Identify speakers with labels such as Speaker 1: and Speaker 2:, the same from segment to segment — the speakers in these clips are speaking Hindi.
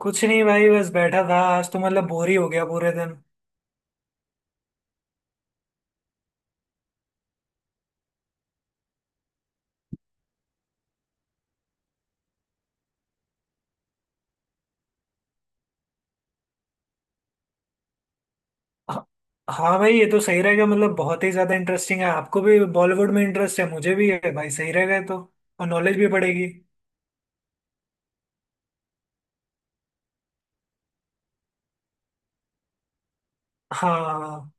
Speaker 1: कुछ नहीं भाई, बस बैठा था। आज तो मतलब बोर ही हो गया पूरे दिन। ह- हाँ भाई, ये तो सही रहेगा। मतलब बहुत ही ज्यादा इंटरेस्टिंग है। आपको भी बॉलीवुड में इंटरेस्ट है, मुझे भी है। भाई सही रहेगा ये तो। और नॉलेज भी बढ़ेगी। हाँ।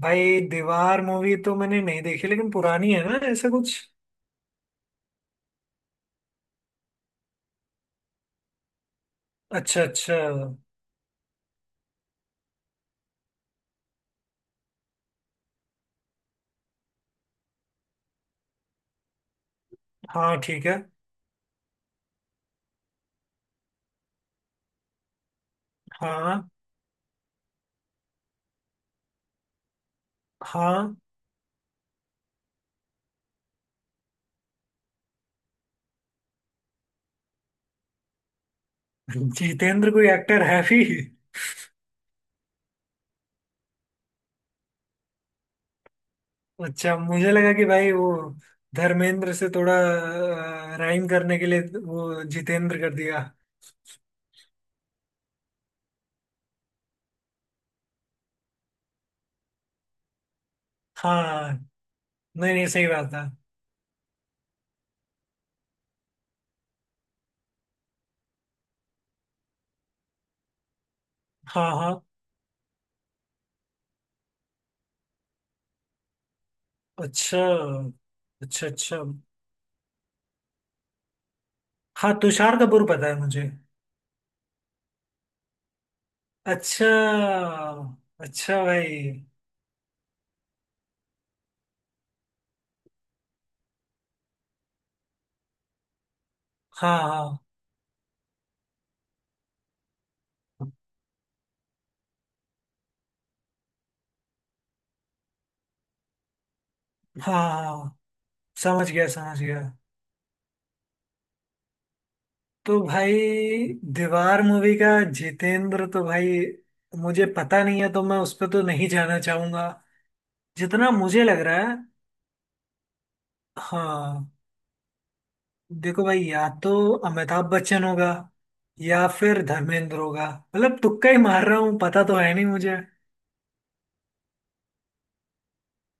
Speaker 1: भाई दीवार मूवी तो मैंने नहीं देखी, लेकिन पुरानी है ना, ऐसा कुछ। अच्छा अच्छा। हाँ, ठीक है। हाँ। हाँ, जितेंद्र कोई एक्टर है भी? अच्छा, मुझे लगा कि भाई वो धर्मेंद्र से थोड़ा राइम करने के लिए वो जितेंद्र कर दिया। हाँ। नहीं नहीं, सही बात है। हाँ हाँ। अच्छा अच्छा अच्छा। हाँ, तुषार कपूर पता है मुझे। अच्छा। अच्छा भाई। हाँ हाँ हाँ हाँ। समझ गया समझ गया। तो भाई दीवार मूवी का जितेंद्र, तो भाई मुझे पता नहीं है, तो मैं उस पर तो नहीं जाना चाहूंगा। जितना मुझे लग रहा है। हाँ। देखो भाई, या तो अमिताभ बच्चन होगा, या फिर धर्मेंद्र होगा। मतलब तुक्का ही मार रहा हूँ, पता तो है नहीं मुझे।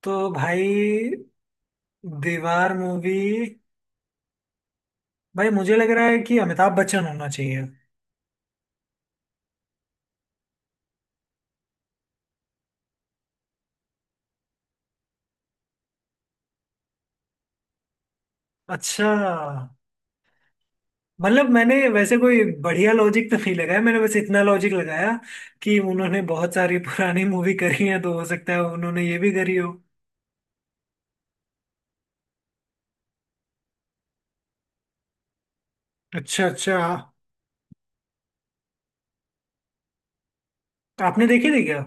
Speaker 1: तो भाई दीवार मूवी, भाई मुझे लग रहा है कि अमिताभ बच्चन होना चाहिए। अच्छा, मतलब मैंने वैसे कोई बढ़िया लॉजिक तो नहीं लगाया। मैंने बस इतना लॉजिक लगाया कि उन्होंने बहुत सारी पुरानी मूवी करी है, तो हो सकता है उन्होंने ये भी करी हो। अच्छा अच्छा। आपने देखी थी क्या?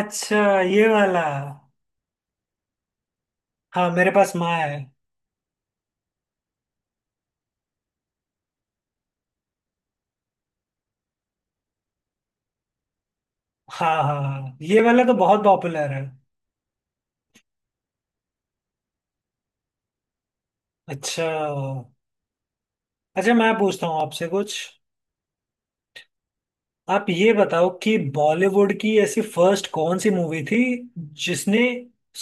Speaker 1: अच्छा, ये वाला। हाँ, मेरे पास माँ है। हाँ हाँ हाँ, ये वाला तो बहुत पॉपुलर है। अच्छा। अच्छा, मैं पूछता हूँ आपसे कुछ। आप ये बताओ कि बॉलीवुड की ऐसी फर्स्ट कौन सी मूवी थी जिसने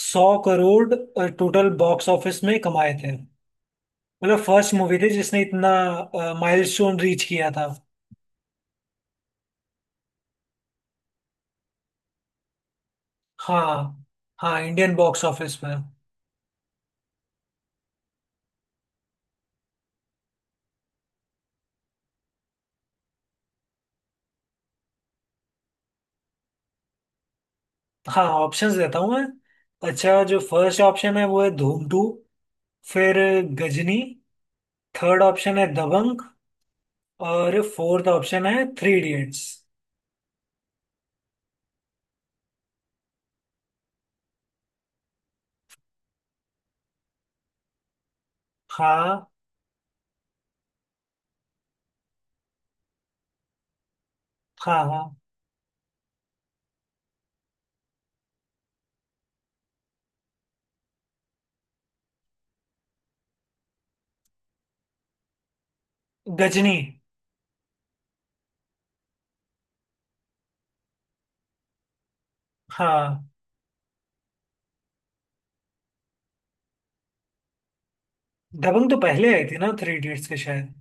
Speaker 1: सौ करोड़ टोटल बॉक्स ऑफिस में कमाए थे। मतलब फर्स्ट मूवी थी जिसने इतना माइलस्टोन रीच किया था। हाँ। हाँ, इंडियन बॉक्स ऑफिस में। हाँ, ऑप्शंस देता हूँ मैं। अच्छा, जो फर्स्ट ऑप्शन है वो है धूम टू। फिर गजनी। थर्ड ऑप्शन है दबंग। और फोर्थ ऑप्शन है थ्री इडियट्स। हाँ। हाँ। हाँ, गजनी। हाँ, दबंग तो पहले आई थी ना थ्री इडियट्स के, शायद।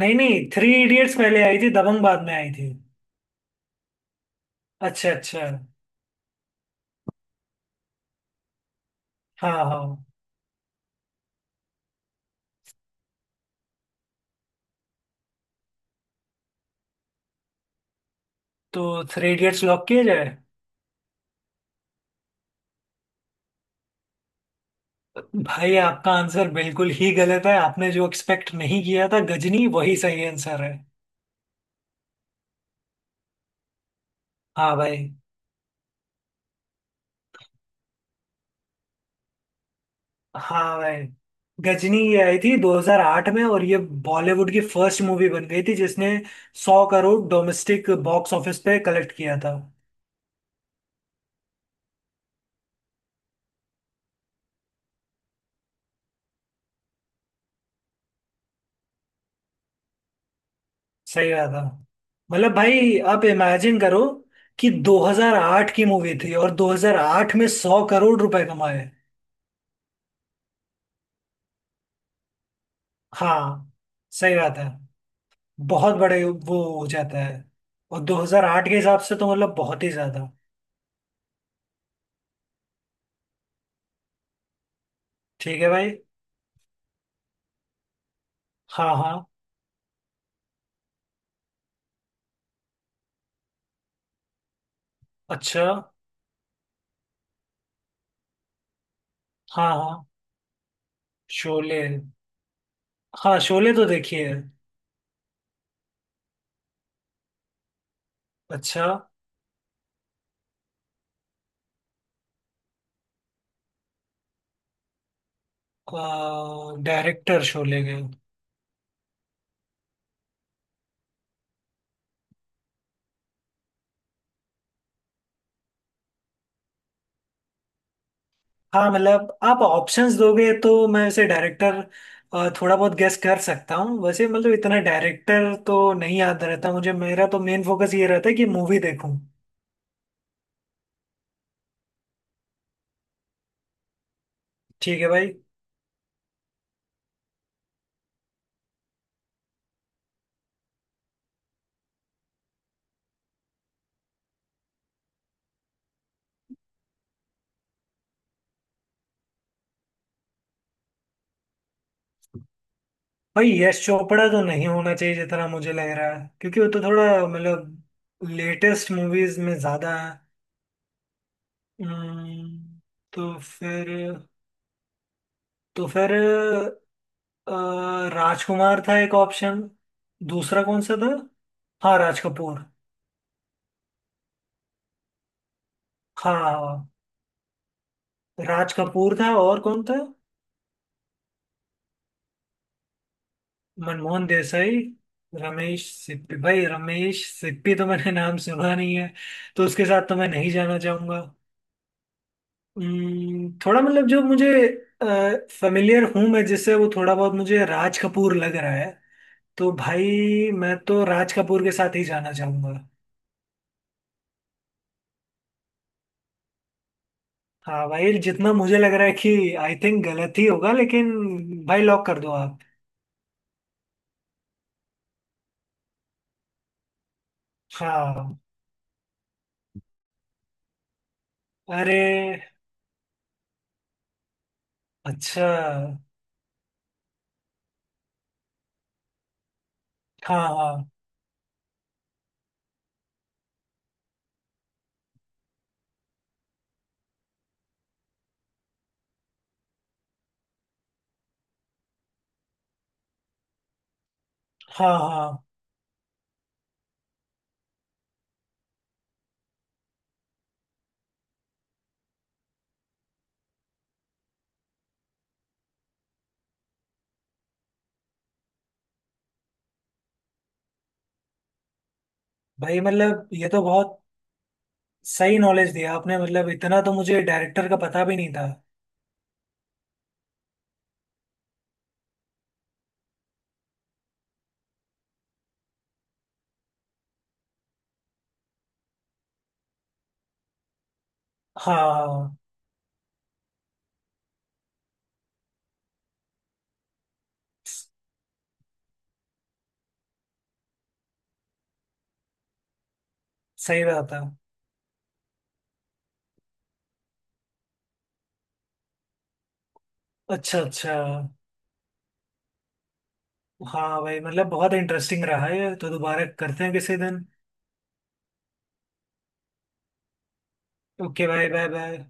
Speaker 1: नहीं नहीं, थ्री इडियट्स पहले आई थी, दबंग बाद में आई थी। अच्छा अच्छा। हाँ हाँ। तो थ्री इडियट्स लॉक किया जाए। भाई आपका आंसर बिल्कुल ही गलत है, आपने जो एक्सपेक्ट नहीं किया था, गजनी वही सही आंसर है। हाँ भाई। हाँ भाई, गजनी ये आई थी 2008 में, और ये बॉलीवुड की फर्स्ट मूवी बन गई थी जिसने 100 करोड़ डोमेस्टिक बॉक्स ऑफिस पे कलेक्ट किया था। सही बात था। मतलब भाई आप इमेजिन करो कि 2008 की मूवी थी, और 2008 में 100 करोड़ रुपए कमाए। हाँ, सही बात है। बहुत बड़े वो हो जाता है। और 2008 के हिसाब से तो मतलब बहुत ही ज्यादा। ठीक है भाई। हाँ हाँ। अच्छा। हाँ हाँ, शोले। हाँ, शोले तो देखी है। अच्छा, डायरेक्टर शोले के? हाँ, मतलब आप ऑप्शंस दोगे तो मैं ऐसे डायरेक्टर थोड़ा बहुत गेस कर सकता हूँ। वैसे मतलब इतना डायरेक्टर तो नहीं याद रहता मुझे, मेरा तो मेन फोकस ये रहता है कि मूवी देखूँ। ठीक है भाई। भाई यश चोपड़ा तो नहीं होना चाहिए जितना मुझे लग रहा है, क्योंकि वो तो थोड़ा मतलब लेटेस्ट मूवीज में ज्यादा है। हम्म, तो फिर तो फिर अ, राजकुमार था एक ऑप्शन। दूसरा कौन सा था? हाँ, राज कपूर। हाँ, राज कपूर था, और कौन था? मनमोहन देसाई, रमेश सिप्पी। भाई रमेश सिप्पी तो मैंने नाम सुना नहीं है, तो उसके साथ तो मैं नहीं जाना चाहूंगा। थोड़ा मतलब जो मुझे फेमिलियर हूं मैं जिससे, वो थोड़ा बहुत मुझे राज कपूर लग रहा है। तो भाई मैं तो राज कपूर के साथ ही जाना चाहूंगा। हाँ भाई, जितना मुझे लग रहा है कि आई थिंक गलत ही होगा, लेकिन भाई लॉक कर दो आप। हाँ। अरे। अच्छा। हाँ हाँ हाँ हाँ भाई, मतलब ये तो बहुत सही नॉलेज दिया आपने, मतलब इतना तो मुझे डायरेक्टर का पता भी नहीं था। हाँ। स- सही बात है। अच्छा अच्छा। हाँ भाई मतलब बहुत इंटरेस्टिंग रहा है ये तो, दोबारा करते हैं किसी दिन। Okay, bye bye bye.